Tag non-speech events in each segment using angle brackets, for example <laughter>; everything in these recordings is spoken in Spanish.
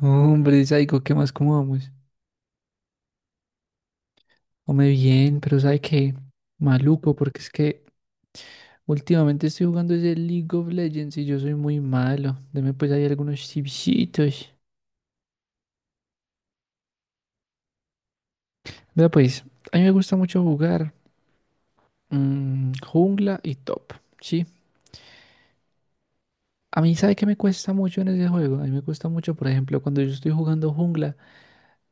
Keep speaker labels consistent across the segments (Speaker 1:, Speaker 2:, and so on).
Speaker 1: Hombre, Saico, ¿qué más? ¿Cómo vamos? Hombre, bien, pero ¿sabe qué? Maluco, porque es que últimamente estoy jugando ese League of Legends y yo soy muy malo. Deme pues ahí algunos tipsitos. Vea pues, a mí me gusta mucho jugar jungla y top, ¿sí? A mí, ¿sabe qué me cuesta mucho en ese juego? A mí me cuesta mucho, por ejemplo, cuando yo estoy jugando jungla,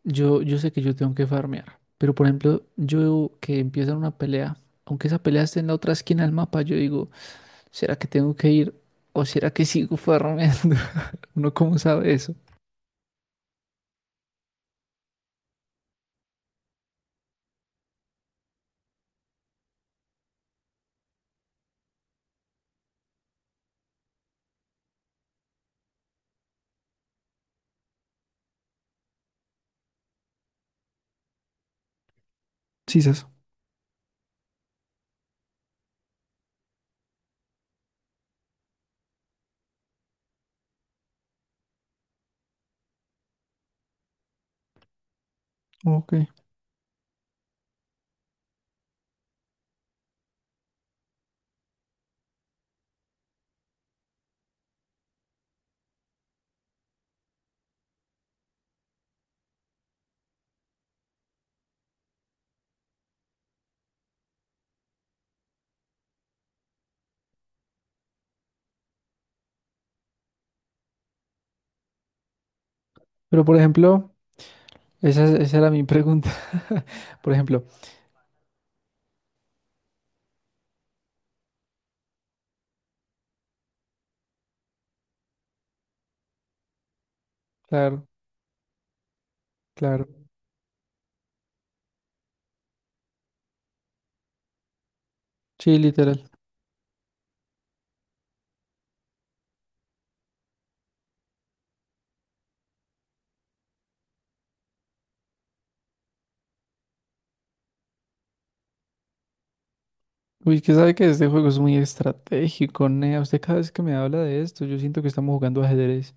Speaker 1: yo sé que yo tengo que farmear. Pero, por ejemplo, yo que empiezan una pelea, aunque esa pelea esté en la otra esquina del mapa, yo digo... ¿Será que tengo que ir o será que sigo farmeando? <laughs> ¿Uno cómo sabe eso? Sí, eso. Ok. Pero por ejemplo, esa era mi pregunta. <laughs> Por ejemplo, claro, claro. Sí, literal. Uy, que sabe que este juego es muy estratégico, Nea. Usted cada vez que me habla de esto, yo siento que estamos jugando ajedrez.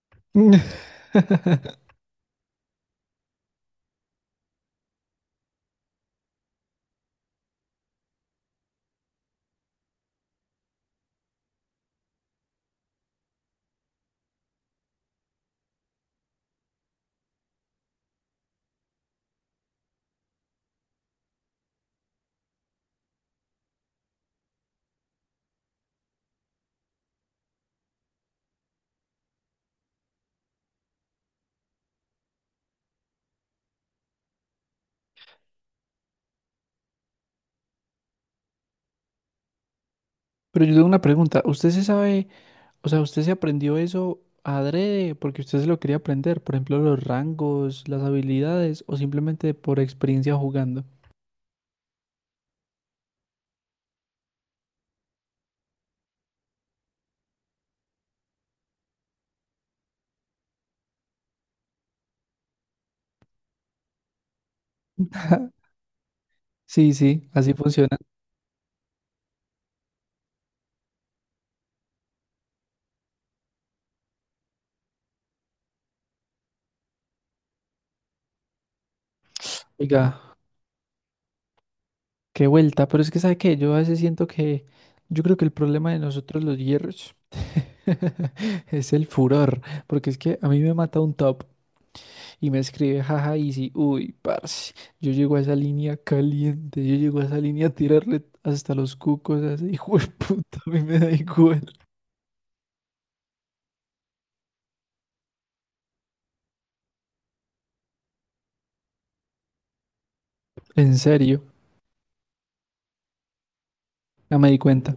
Speaker 1: <laughs> Pero yo tengo una pregunta. ¿Usted se sabe, o sea, usted se aprendió eso adrede porque usted se lo quería aprender? Por ejemplo, los rangos, las habilidades o simplemente por experiencia jugando. <laughs> Sí, sí, así funciona. Oiga, qué vuelta, pero es que sabe que yo a veces siento que yo creo que el problema de nosotros los hierros <laughs> es el furor, porque es que a mí me mata un top y me escribe jaja y easy, uy, parce, yo llego a esa línea caliente, yo llego a esa línea a tirarle hasta los cucos, así, hijo de puta, a mí me da igual. En serio, ya me di cuenta.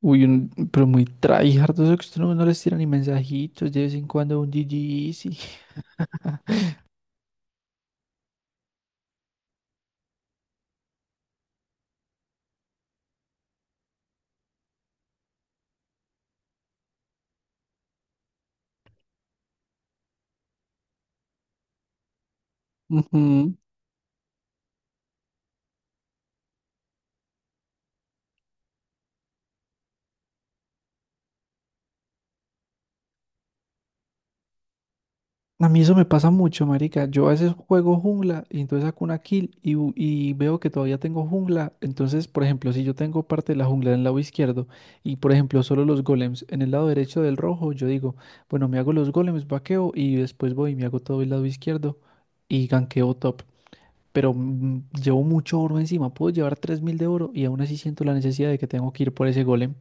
Speaker 1: Pero muy tryhard, eso que usted no les tira ni mensajitos, de vez en cuando un GG sí. <laughs> A mí eso me pasa mucho, marica. Yo a veces juego jungla y entonces saco una kill y veo que todavía tengo jungla. Entonces, por ejemplo, si yo tengo parte de la jungla en el lado izquierdo y, por ejemplo, solo los golems en el lado derecho del rojo, yo digo, bueno, me hago los golems, vaqueo y después voy y me hago todo el lado izquierdo y ganqueo top. Pero llevo mucho oro encima. Puedo llevar 3.000 de oro y aún así siento la necesidad de que tengo que ir por ese golem.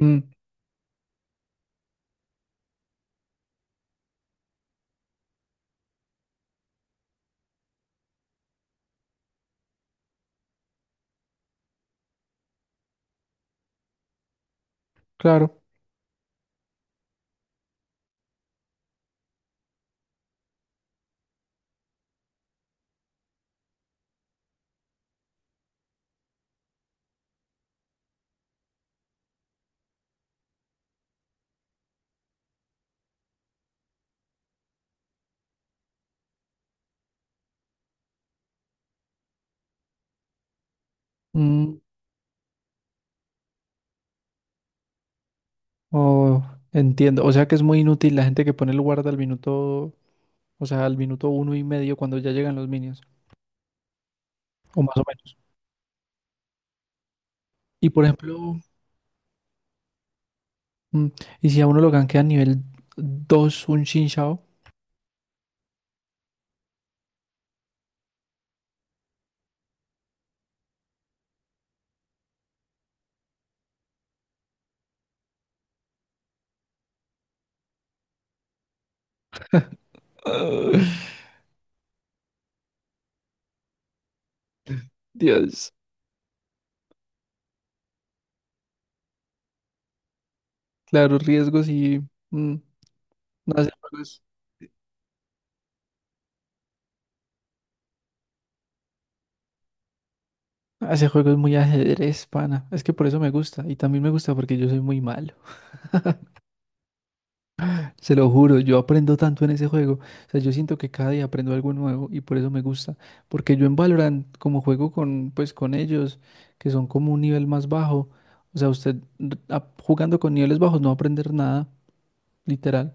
Speaker 1: Mm, claro. Mm. Oh, entiendo. O sea que es muy inútil la gente que pone el guarda al minuto, o sea, al minuto uno y medio cuando ya llegan los minions, o más o menos. Y por ejemplo, mm, y si a uno lo gankea a nivel 2 un Shinshao. <laughs> Dios. Claro, riesgos y... mm, no, ese juego es muy ajedrez, pana. Es que por eso me gusta. Y también me gusta porque yo soy muy malo. Se lo juro, yo aprendo tanto en ese juego. O sea, yo siento que cada día aprendo algo nuevo y por eso me gusta. Porque yo en Valorant, como juego con, pues, con ellos, que son como un nivel más bajo, o sea, jugando con niveles bajos no va a aprender nada, literal.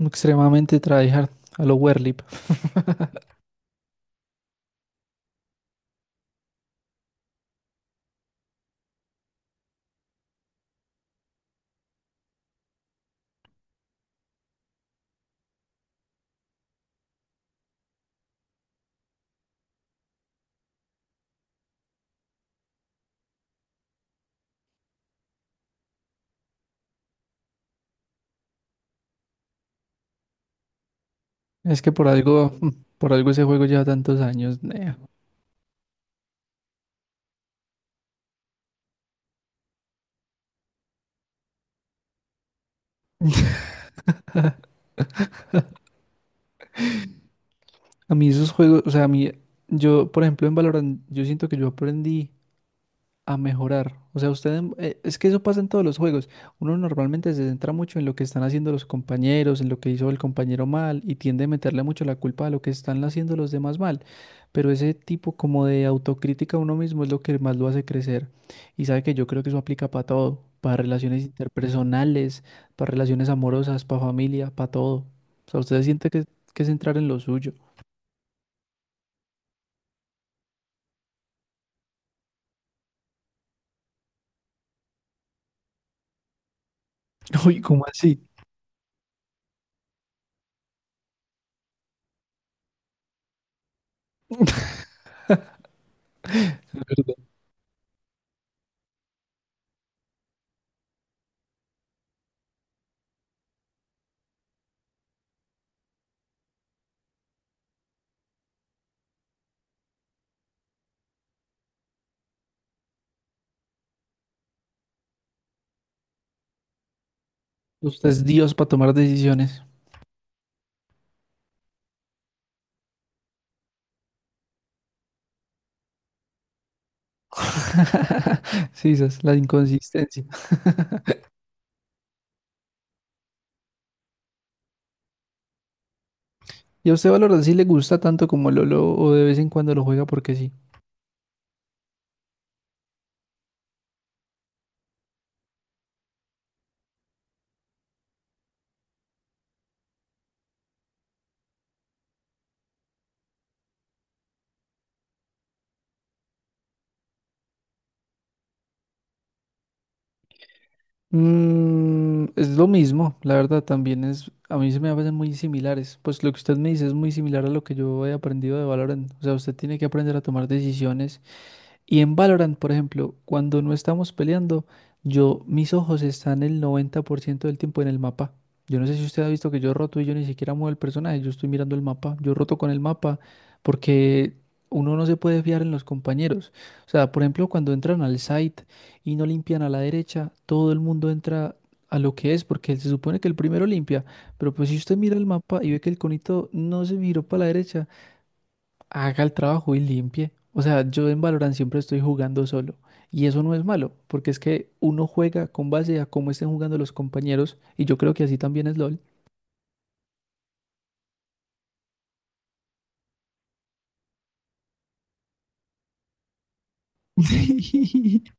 Speaker 1: Extremadamente tryhard a lo Werlip. <laughs> Es que por algo, <laughs> por algo ese juego lleva tantos años, nea. A mí esos juegos, o sea, a mí, yo, por ejemplo, en Valorant, yo siento que yo aprendí a mejorar. O sea, es que eso pasa en todos los juegos. Uno normalmente se centra mucho en lo que están haciendo los compañeros, en lo que hizo el compañero mal y tiende a meterle mucho la culpa a lo que están haciendo los demás mal. Pero ese tipo como de autocrítica a uno mismo es lo que más lo hace crecer. Y sabe que yo creo que eso aplica para todo, para relaciones interpersonales, para relaciones amorosas, para familia, para todo. O sea, usted siente que es entrar en lo suyo. <laughs> Uy, ¿cómo así? <laughs> Es verdad. Usted es Dios para tomar decisiones. <laughs> Sí, esa es la inconsistencia. <laughs> ¿Y a usted Valorant sí le gusta tanto como Lolo o de vez en cuando lo juega porque sí? Mm, es lo mismo, la verdad también es, a mí se me hacen muy similares. Pues lo que usted me dice es muy similar a lo que yo he aprendido de Valorant. O sea, usted tiene que aprender a tomar decisiones. Y en Valorant, por ejemplo, cuando no estamos peleando, yo, mis ojos están el 90% del tiempo en el mapa. Yo no sé si usted ha visto que yo roto y yo ni siquiera muevo el personaje, yo estoy mirando el mapa, yo roto con el mapa porque uno no se puede fiar en los compañeros. O sea, por ejemplo, cuando entran al site y no limpian a la derecha, todo el mundo entra a lo que es porque se supone que el primero limpia, pero pues si usted mira el mapa y ve que el conito no se miró para la derecha, haga el trabajo y limpie. O sea, yo en Valorant siempre estoy jugando solo. Y eso no es malo, porque es que uno juega con base a cómo estén jugando los compañeros. Y yo creo que así también es LOL. <laughs>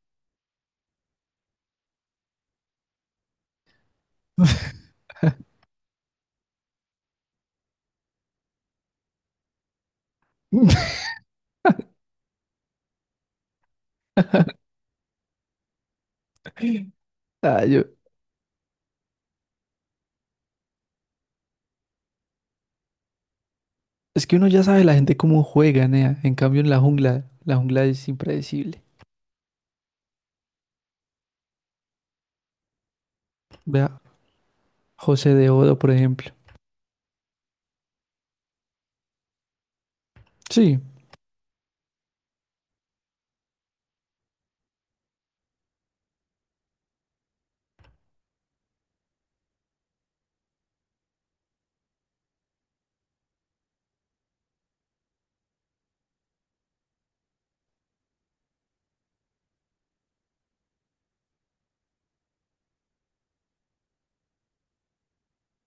Speaker 1: Ah, yo- Es que uno ya sabe la gente cómo juega, nea. En cambio, en la jungla es impredecible. Vea, José de Odo, por ejemplo. Sí,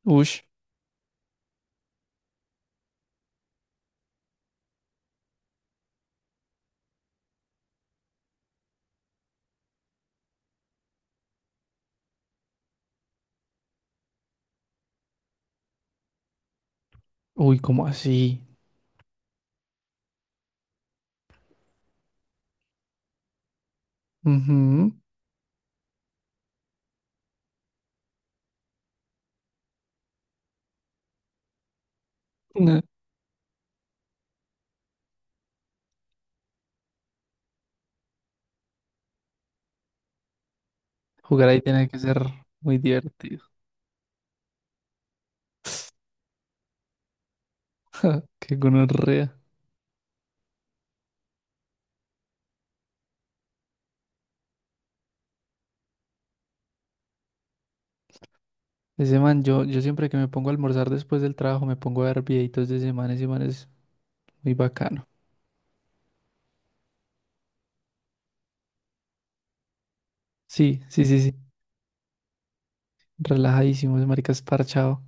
Speaker 1: ush. Uy, ¿cómo así? Ujú. Nah, jugar ahí tiene que ser muy divertido. Qué gonorrea. Ese man, yo siempre que me pongo a almorzar después del trabajo me pongo a ver videitos de ese man es muy bacano. Sí, sí, sí, sí, relajadísimo, ese marica es parchado.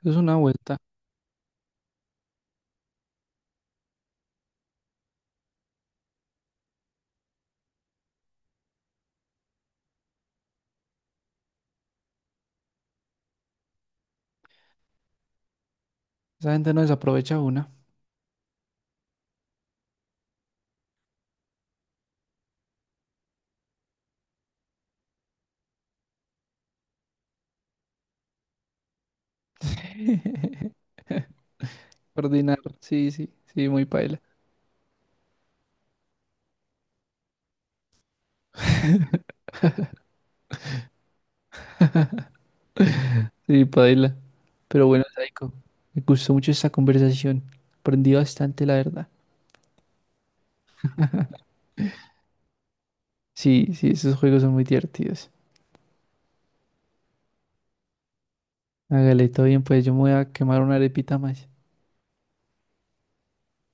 Speaker 1: Eso es una vuelta, esa gente no desaprovecha una. <laughs> Ordinar, sí, sí, sí, muy paila. Sí, paila. Pero bueno, Saiko, me gustó mucho esta conversación, aprendí bastante, la verdad. Sí, sí, esos juegos son muy divertidos. Hágale, todo bien, pues yo me voy a quemar una arepita más.